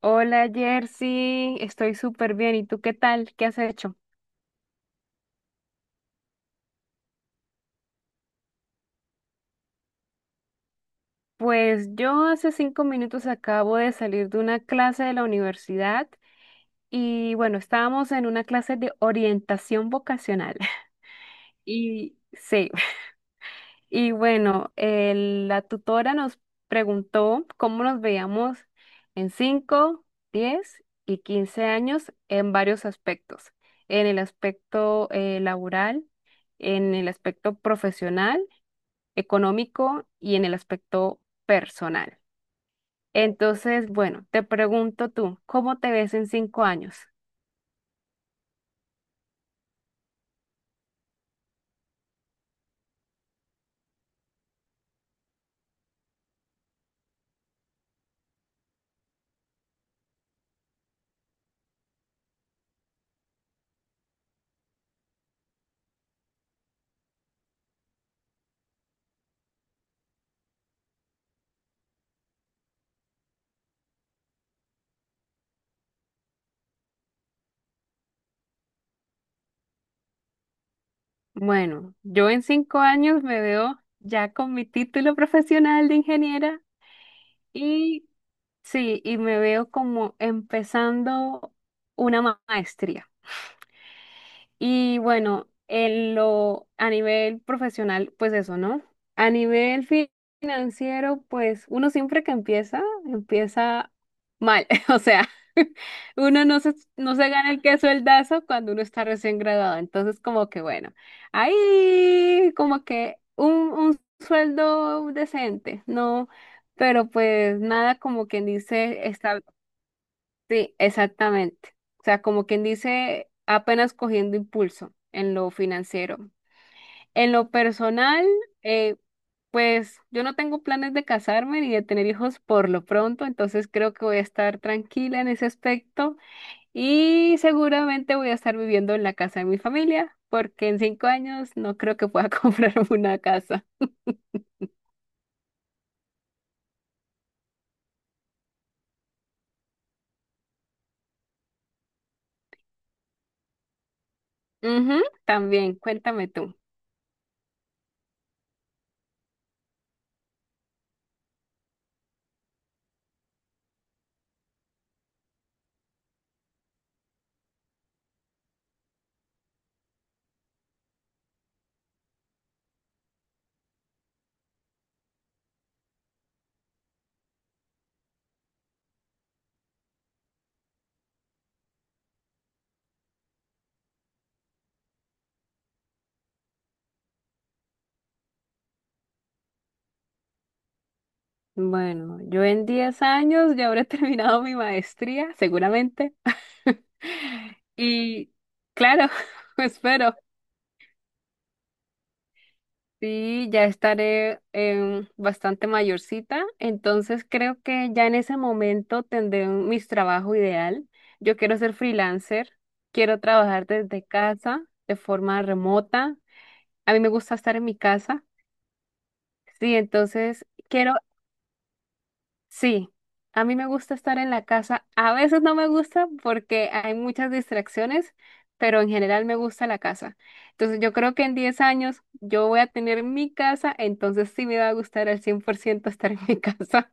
Hola Jersey, estoy súper bien. ¿Y tú qué tal? ¿Qué has hecho? Pues yo hace 5 minutos acabo de salir de una clase de la universidad y bueno, estábamos en una clase de orientación vocacional. Y sí, y bueno, la tutora nos preguntó cómo nos veíamos en 5, 10 y 15 años en varios aspectos, en el aspecto laboral, en el aspecto profesional económico y en el aspecto personal. Entonces, bueno, te pregunto tú, ¿cómo te ves en 5 años? Bueno, yo en 5 años me veo ya con mi título profesional de ingeniera y sí, y me veo como empezando una maestría. Y bueno, a nivel profesional, pues eso, ¿no? A nivel financiero, pues uno siempre que empieza, empieza mal. O sea, uno no se gana el queso dazo cuando uno está recién graduado. Entonces, como que bueno, ahí como que un sueldo decente, ¿no? Pero pues nada como quien dice. Sí, exactamente. O sea, como quien dice, apenas cogiendo impulso en lo financiero. En lo personal, eh, pues yo no tengo planes de casarme ni de tener hijos por lo pronto, entonces creo que voy a estar tranquila en ese aspecto y seguramente voy a estar viviendo en la casa de mi familia, porque en 5 años no creo que pueda comprarme una casa. Ujú, también, cuéntame tú. Bueno, yo en 10 años ya habré terminado mi maestría, seguramente. Y claro, espero. Sí, ya estaré bastante mayorcita, entonces creo que ya en ese momento tendré mi trabajo ideal. Yo quiero ser freelancer, quiero trabajar desde casa, de forma remota. A mí me gusta estar en mi casa. Sí, entonces quiero. Sí, a mí me gusta estar en la casa. A veces no me gusta porque hay muchas distracciones, pero en general me gusta la casa. Entonces yo creo que en 10 años yo voy a tener mi casa, entonces sí me va a gustar al 100% estar en mi casa.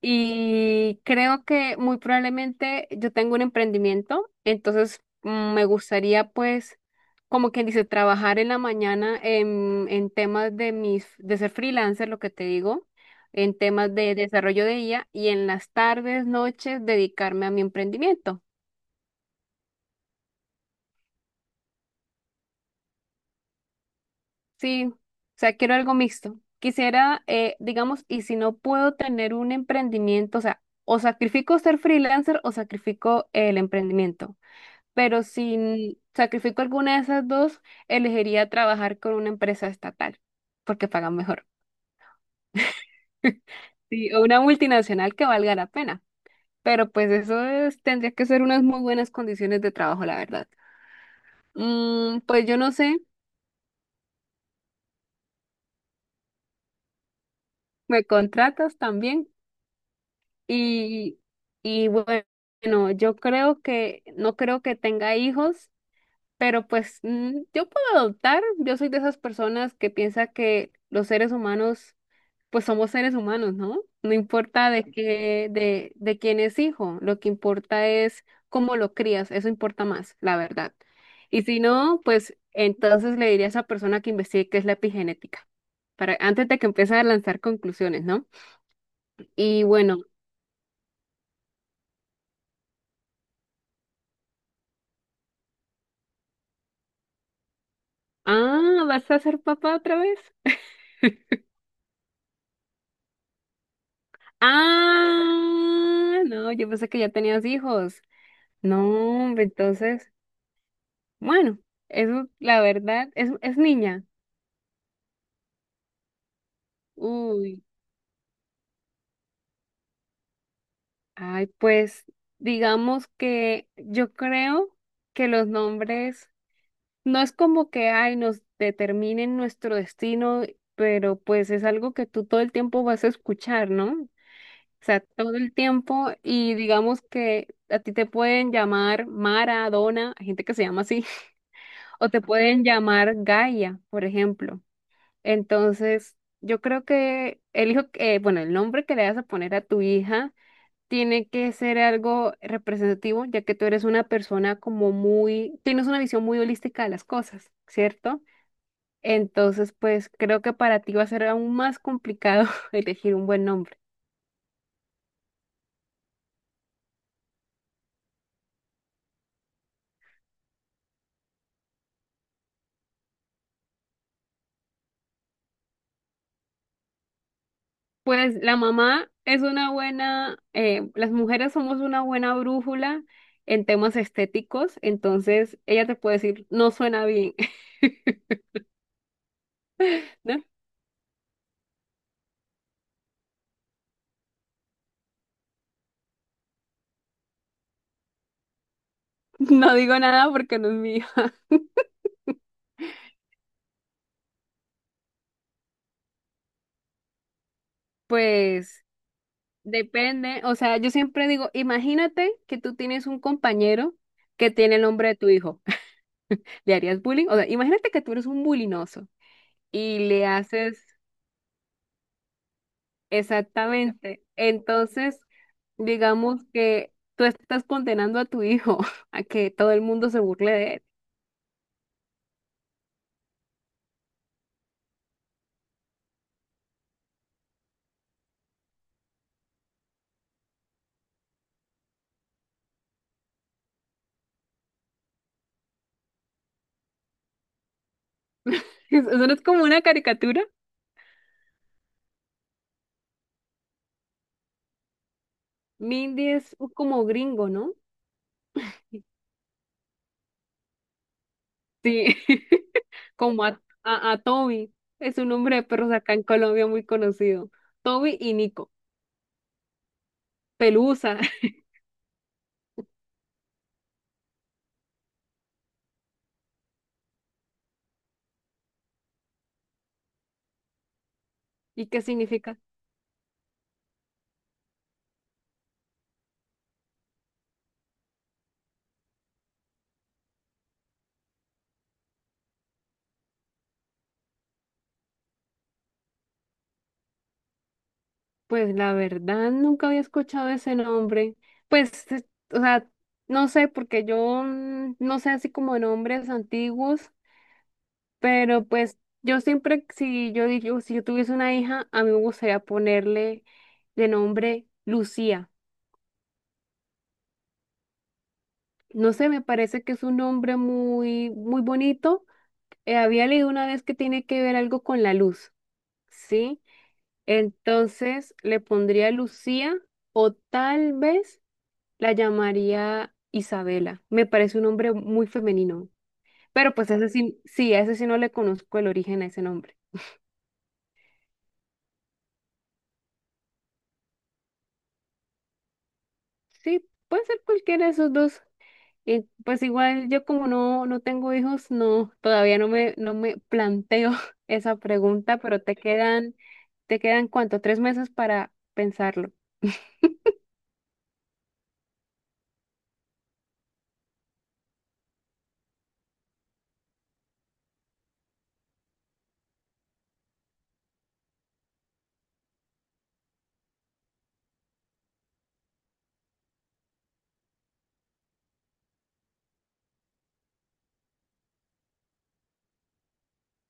Y creo que muy probablemente yo tengo un emprendimiento, entonces me gustaría pues, como quien dice, trabajar en la mañana en temas de de ser freelancer, lo que te digo, en temas de desarrollo de IA y en las tardes, noches, dedicarme a mi emprendimiento. Sí, o sea, quiero algo mixto. Quisiera, digamos, y si no puedo tener un emprendimiento, o sea, o sacrifico ser freelancer o sacrifico el emprendimiento. Pero si sacrifico alguna de esas dos, elegiría trabajar con una empresa estatal, porque pagan mejor. Sí, o una multinacional que valga la pena. Pero pues tendría que ser unas muy buenas condiciones de trabajo, la verdad. Pues yo no sé, me contratas también. Y, y bueno, yo creo que, no creo que tenga hijos, pero pues yo puedo adoptar. Yo soy de esas personas que piensa que los seres humanos pues somos seres humanos, ¿no? No importa de quién es hijo, lo que importa es cómo lo crías, eso importa más, la verdad. Y si no, pues entonces le diría a esa persona que investigue qué es la epigenética, para, antes de que empiece a lanzar conclusiones, ¿no? Y bueno, ah, ¿vas a ser papá otra vez? Ah, no, yo pensé que ya tenías hijos. No, hombre, entonces, bueno, eso la verdad, es niña. Uy. Ay, pues digamos que yo creo que los nombres no es como que ay nos determinen nuestro destino, pero pues es algo que tú todo el tiempo vas a escuchar, ¿no? O sea, todo el tiempo y digamos que a ti te pueden llamar Mara, Donna, hay gente que se llama así, o te pueden llamar Gaia, por ejemplo. Entonces, yo creo que bueno, el nombre que le vas a poner a tu hija tiene que ser algo representativo, ya que tú eres una persona tienes una visión muy holística de las cosas, ¿cierto? Entonces, pues creo que para ti va a ser aún más complicado elegir un buen nombre. Pues la mamá es una buena, las mujeres somos una buena brújula en temas estéticos, entonces ella te puede decir, no suena bien, ¿no? No digo nada porque no es mío. Pues depende, o sea, yo siempre digo, imagínate que tú tienes un compañero que tiene el nombre de tu hijo, ¿le harías bullying? O sea, imagínate que tú eres un bulinoso y le haces exactamente. Entonces, digamos que tú estás condenando a tu hijo a que todo el mundo se burle de él. Eso no es como una caricatura. Mindy es como gringo, ¿no? Sí, como a Toby, es un nombre de perros acá en Colombia muy conocido. Toby y Nico. Pelusa. ¿Y qué significa? Pues la verdad nunca había escuchado ese nombre. Pues, o sea, no sé, porque yo no sé así como de nombres antiguos, pero pues yo siempre, si yo digo, si yo tuviese una hija, a mí me gustaría ponerle de nombre Lucía. No sé, me parece que es un nombre muy, muy bonito. Había leído una vez que tiene que ver algo con la luz, ¿sí? Entonces le pondría Lucía. O tal vez la llamaría Isabela. Me parece un nombre muy femenino. Pero pues ese sí, sí, a ese sí no le conozco el origen a ese nombre. Sí, puede ser cualquiera de esos dos. Y pues igual yo como no tengo hijos, no, todavía no me planteo esa pregunta, pero te quedan ¿cuánto? 3 meses para pensarlo.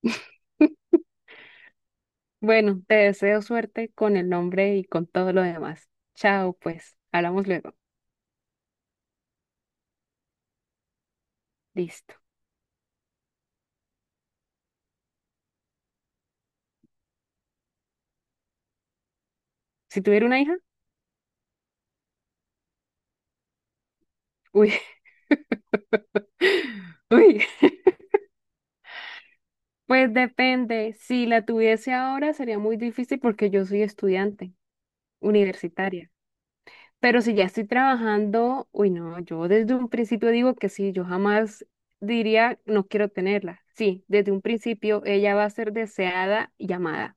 Bueno, te deseo suerte con el nombre y con todo lo demás. Chao, pues, hablamos luego. Listo. Si tuviera una hija, uy, uy. Pues depende, si la tuviese ahora sería muy difícil porque yo soy estudiante universitaria, pero si ya estoy trabajando, uy no, yo desde un principio digo que sí, yo jamás diría no quiero tenerla. Sí, desde un principio ella va a ser deseada y amada.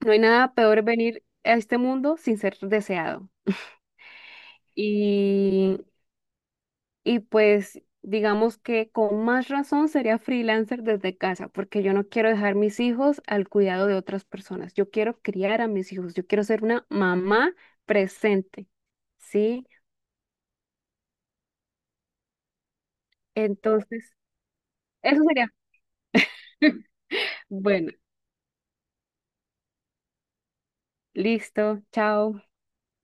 No hay nada peor venir a este mundo sin ser deseado. Y Y pues digamos que con más razón sería freelancer desde casa, porque yo no quiero dejar mis hijos al cuidado de otras personas. Yo quiero criar a mis hijos, yo quiero ser una mamá presente, ¿sí? Entonces, eso sería. Bueno, listo, chao.